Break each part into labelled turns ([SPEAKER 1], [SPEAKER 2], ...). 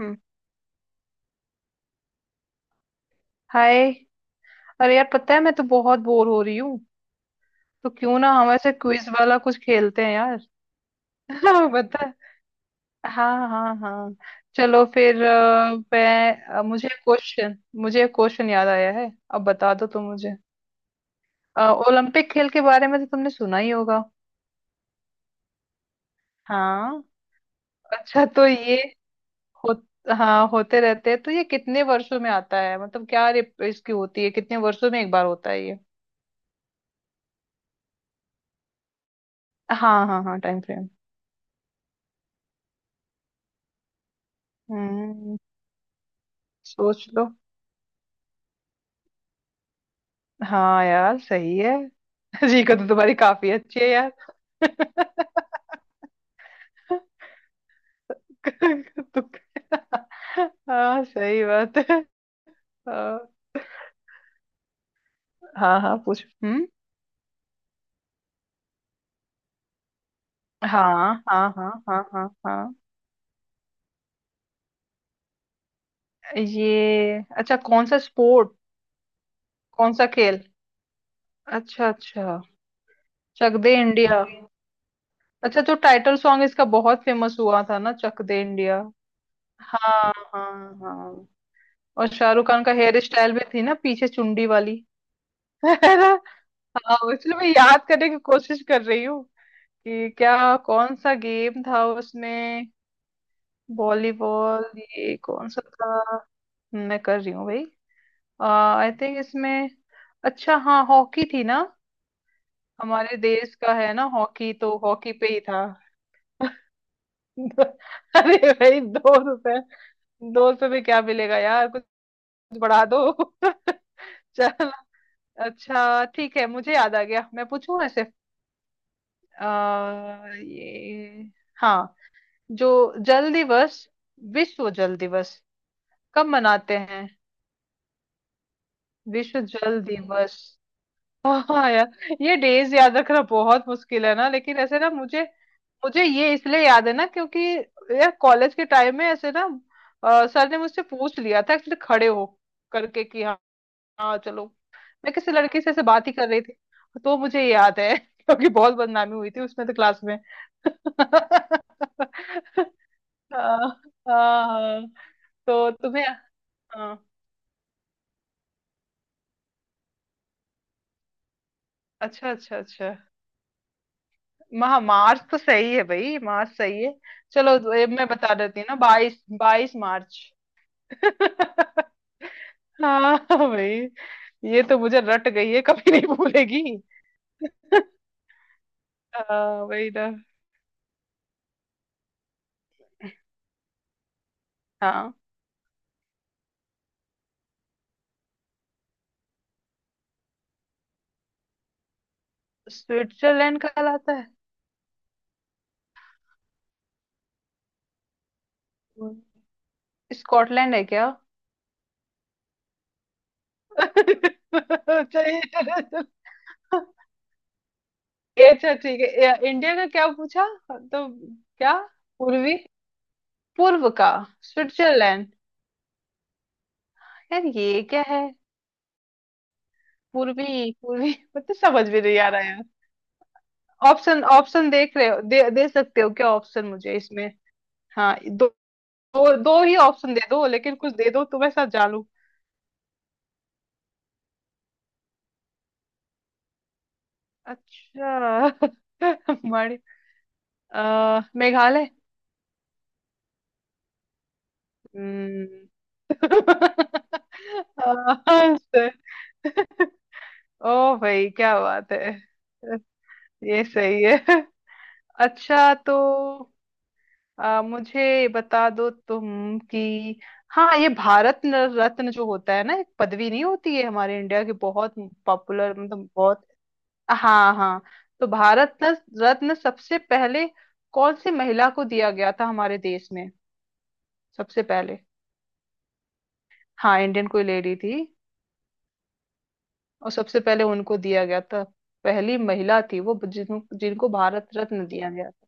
[SPEAKER 1] हम्म, hi. अरे यार पता है मैं तो बहुत बोर हो रही हूँ। तो क्यों ना हम ऐसे क्विज वाला कुछ खेलते हैं यार। पता है। हाँ हाँ हाँ। चलो फिर मुझे एक क्वेश्चन याद आया है, अब बता दो तुम मुझे। अ, ओलंपिक खेल के बारे में तो तुमने सुना ही होगा। हाँ। अच्छा तो ये हो, हाँ होते रहते हैं। तो ये कितने वर्षों में आता है, मतलब क्या इसकी होती है, कितने वर्षों में एक बार होता है ये? हाँ हाँ हाँ, टाइम फ्रेम। हम्म, सोच लो। हाँ यार सही है। जीको तो तुम्हारी काफी अच्छी है यार। तुम। हाँ सही बात है। हाँ हाँ हाँ, पूछो। हम्म। हाँ हाँ हाँ हाँ हाँ हाँ। ये अच्छा कौन सा स्पोर्ट? कौन सा खेल? अच्छा अच्छा। चक दे इंडिया। अच्छा जो टाइटल सॉन्ग इसका बहुत फेमस हुआ था ना, चक दे इंडिया। हाँ हाँ हाँ। और शाहरुख खान का हेयर स्टाइल भी थी ना, पीछे चुंडी वाली। है ना? हाँ इसलिए मैं याद करने की कोशिश कर रही हूँ कि क्या कौन सा गेम था उसमें। वॉलीबॉल, ये कौन सा था? मैं कर रही हूँ भाई। आई थिंक इसमें अच्छा हाँ हॉकी थी ना। हमारे देश का है ना हॉकी, तो हॉकी पे ही था। अरे भाई 2 रुपए। दो रुपए में क्या मिलेगा यार कुछ, बढ़ा दो। चल अच्छा ठीक है मुझे याद आ गया, मैं पूछूं ऐसे। ये। हाँ जो जल दिवस, विश्व जल दिवस कब मनाते हैं? विश्व जल दिवस। हाँ यार ये डेज याद रखना बहुत मुश्किल है ना, लेकिन ऐसे ना मुझे, मुझे ये इसलिए याद है ना क्योंकि यार कॉलेज के टाइम में ऐसे ना सर ने मुझसे पूछ लिया था एक्चुअली खड़े हो करके कि हाँ। हाँ चलो, मैं किसी लड़की से ऐसे बात ही कर रही थी, तो मुझे ये याद है। क्योंकि बहुत बदनामी हुई थी उसमें तो क्लास में। हाँ हाँ हाँ। तो तुम्हें, हाँ। अच्छा अच्छा अच्छा। महा मार्च तो सही है भाई, मार्च सही है। चलो तो ये मैं बता देती हूँ ना, बाईस बाईस मार्च। हाँ भाई, ये तो मुझे रट गई है कभी नहीं भूलेगी। हाँ वही ना। हाँ स्विट्जरलैंड कहलाता है। हम्म, स्कॉटलैंड है क्या? अच्छा। अच्छा ठीक है, इंडिया का क्या पूछा तो? क्या पूर्वी पूर्व का स्विट्जरलैंड? यार ये क्या है? पूर्वी पूर्वी, मतलब समझ भी नहीं आ रहा है। ऑप्शन ऑप्शन देख रहे हो, दे सकते हो क्या ऑप्शन मुझे इसमें? हाँ दो दो, दो ही ऑप्शन दे दो, लेकिन कुछ दे दो तो मैं सब जान लूं। अच्छा। मणि मेघालय। हम्म। हाँ, सही। ओ भाई क्या बात है, ये सही है। अच्छा तो मुझे बता दो तुम कि हाँ ये भारत रत्न जो होता है ना, एक पदवी नहीं होती है हमारे इंडिया की, बहुत पॉपुलर मतलब बहुत। हाँ हाँ। तो भारत रत्न सबसे पहले कौन सी महिला को दिया गया था हमारे देश में? सबसे पहले? हाँ इंडियन कोई लेडी थी, और सबसे पहले उनको दिया गया था, पहली महिला थी वो जिनको भारत रत्न दिया गया था।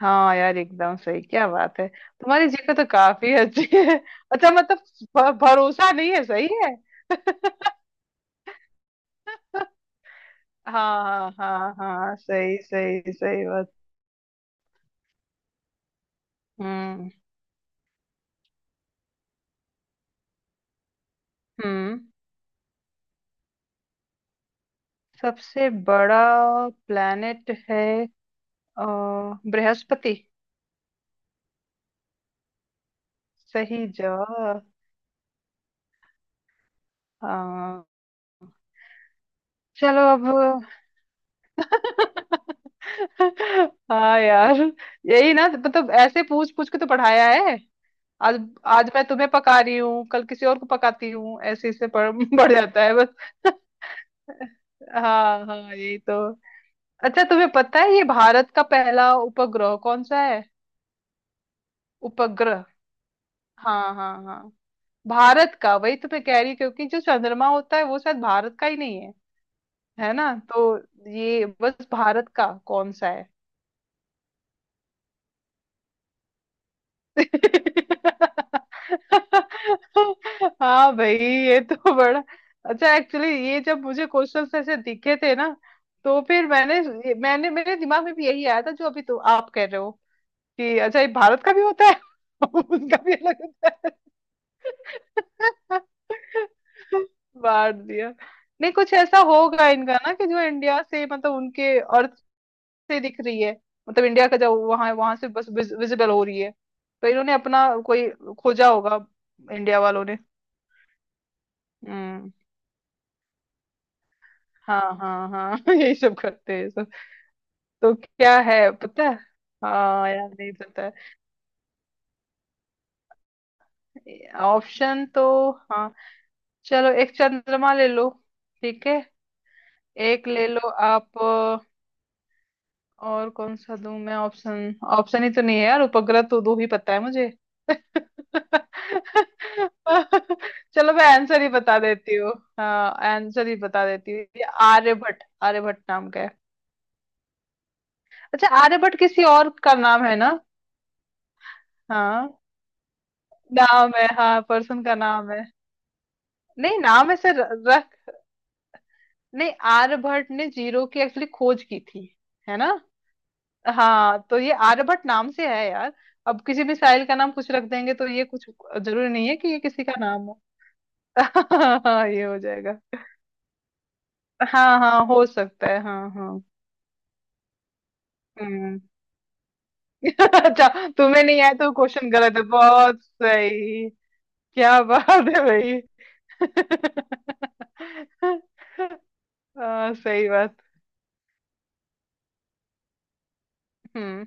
[SPEAKER 1] हाँ यार एकदम सही, क्या बात है, तुम्हारी जगह तो काफी अच्छी है। अच्छा मतलब भरोसा नहीं है सही है। हाँ हाँ हाँ, सही सही सही बात। हम्म हम्म। सबसे बड़ा प्लेनेट है अ, बृहस्पति। सही जवाब। हाँ चलो अब। हाँ यार, यही ना, मतलब ऐसे पूछ पूछ के तो पढ़ाया है। आज, आज मैं तुम्हें पका रही हूँ, कल किसी और को पकाती हूँ, ऐसे इससे बढ़ जाता है बस। हाँ हाँ यही तो। अच्छा तुम्हें पता है ये भारत का पहला उपग्रह कौन सा है? उपग्रह, हाँ हाँ हाँ। भारत का, वही तो मैं कह रही हूँ, क्योंकि जो चंद्रमा होता है वो शायद भारत का ही नहीं है, है ना। तो ये बस भारत का कौन सा है? हाँ भाई ये तो बड़ा अच्छा। एक्चुअली ये जब मुझे क्वेश्चंस ऐसे दिखे थे ना, तो फिर मैंने मैंने मेरे दिमाग में भी यही आया था जो अभी तो आप कह रहे हो कि अच्छा ये भारत का भी होता है। उसका भी अलग होता है। बांट दिया। नहीं कुछ ऐसा होगा इनका ना कि जो इंडिया से मतलब उनके और से दिख रही है, मतलब इंडिया का जो वहां वहां से बस विजिबल हो रही है, तो इन्होंने अपना कोई खोजा होगा, इंडिया वालों ने। हम्म। हाँ हाँ हाँ, यही सब करते हैं सब। तो क्या है पता है। हाँ यार नहीं पता। है ऑप्शन तो। हाँ चलो एक चंद्रमा ले लो। ठीक है एक ले लो आप। और कौन सा दूं मैं ऑप्शन, ऑप्शन ही तो नहीं है यार, उपग्रह तो दो ही पता है मुझे। चलो मैं आंसर ही बता देती हूँ। हाँ आंसर ही बता देती हूँ, ये आर्यभट्ट, आर्यभट्ट नाम का है। अच्छा आर्यभट्ट किसी और का नाम है ना। हाँ नाम है, हाँ पर्सन का नाम है। नहीं नाम ऐसे रख, नहीं आर्यभट्ट ने जीरो की एक्चुअली खोज की थी, है ना। हाँ तो ये आर्यभट्ट नाम से है यार, अब किसी भी साहिल का नाम कुछ रख देंगे तो ये कुछ, जरूरी नहीं है कि ये किसी का नाम हो। हाँ ये हो जाएगा। हाँ हाँ हो सकता है, हाँ हाँ। हम्म। अच्छा तुम्हें नहीं आया तो क्वेश्चन गलत है, बहुत सही। क्या बात है भाई। हाँ सही बात। हम्म।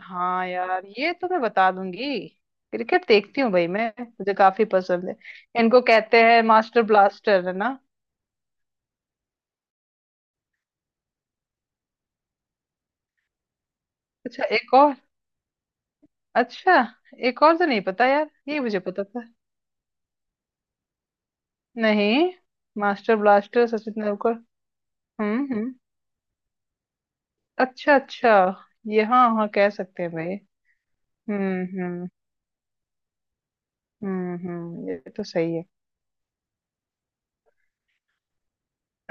[SPEAKER 1] हाँ यार ये तो मैं बता दूंगी, क्रिकेट देखती हूँ भाई मैं, मुझे काफी पसंद है। इनको कहते हैं मास्टर ब्लास्टर, है ना। अच्छा एक और, अच्छा एक और तो नहीं पता यार, ये मुझे पता था नहीं, मास्टर ब्लास्टर सचिन तेंदुलकर। हम्म। अच्छा अच्छा, ये हाँ हाँ कह सकते हैं भाई। हम्म। हम्म, ये तो सही है।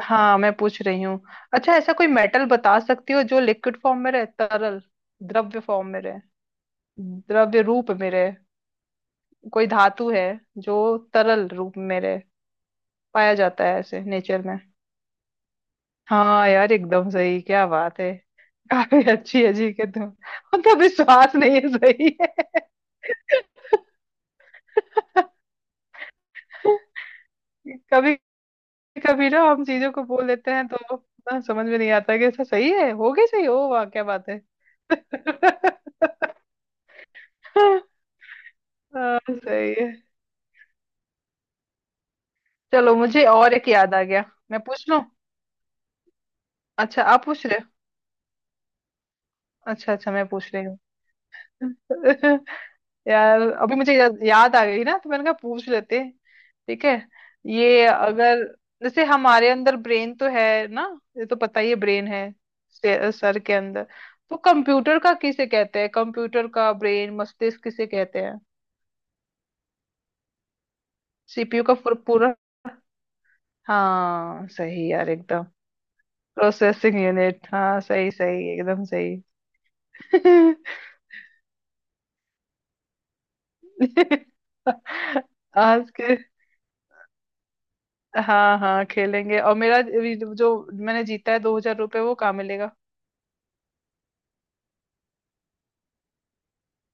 [SPEAKER 1] हाँ मैं पूछ रही हूँ। अच्छा ऐसा कोई मेटल बता सकती हो जो लिक्विड फॉर्म में रहे, तरल द्रव्य फॉर्म में रहे, द्रव्य रूप में रहे? कोई धातु है जो तरल रूप में रहे, पाया जाता है ऐसे नेचर में? हाँ यार एकदम सही, क्या बात है, काफी अच्छी है जी के तुम। मतलब विश्वास नहीं है सही है। कभी कभी ना हम चीजों को बोल देते हैं तो ना, समझ में नहीं आता कि ऐसा सही है हो गई, सही हो वाह क्या बात है। हाँ, सही है। चलो मुझे और एक याद आ गया, मैं पूछ लूं। अच्छा आप पूछ रहे हो। अच्छा अच्छा मैं पूछ रही हूँ। यार अभी मुझे याद आ गई ना, तो मैंने कहा पूछ लेते हैं। ठीक है। ये अगर जैसे हमारे अंदर ब्रेन तो है ना, ये तो पता ही है ब्रेन है सर के अंदर, तो कंप्यूटर का किसे कहते हैं, कंप्यूटर का ब्रेन, मस्तिष्क किसे कहते हैं? सीपीयू का पूरा? हाँ सही यार एकदम, प्रोसेसिंग यूनिट, हाँ सही सही एकदम सही। आज के। हाँ हाँ खेलेंगे, और मेरा अभी जो मैंने जीता है 2000 रुपये वो कहाँ मिलेगा?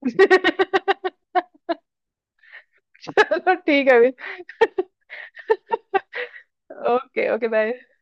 [SPEAKER 1] चलो ठीक है अभी। Okay okay bye.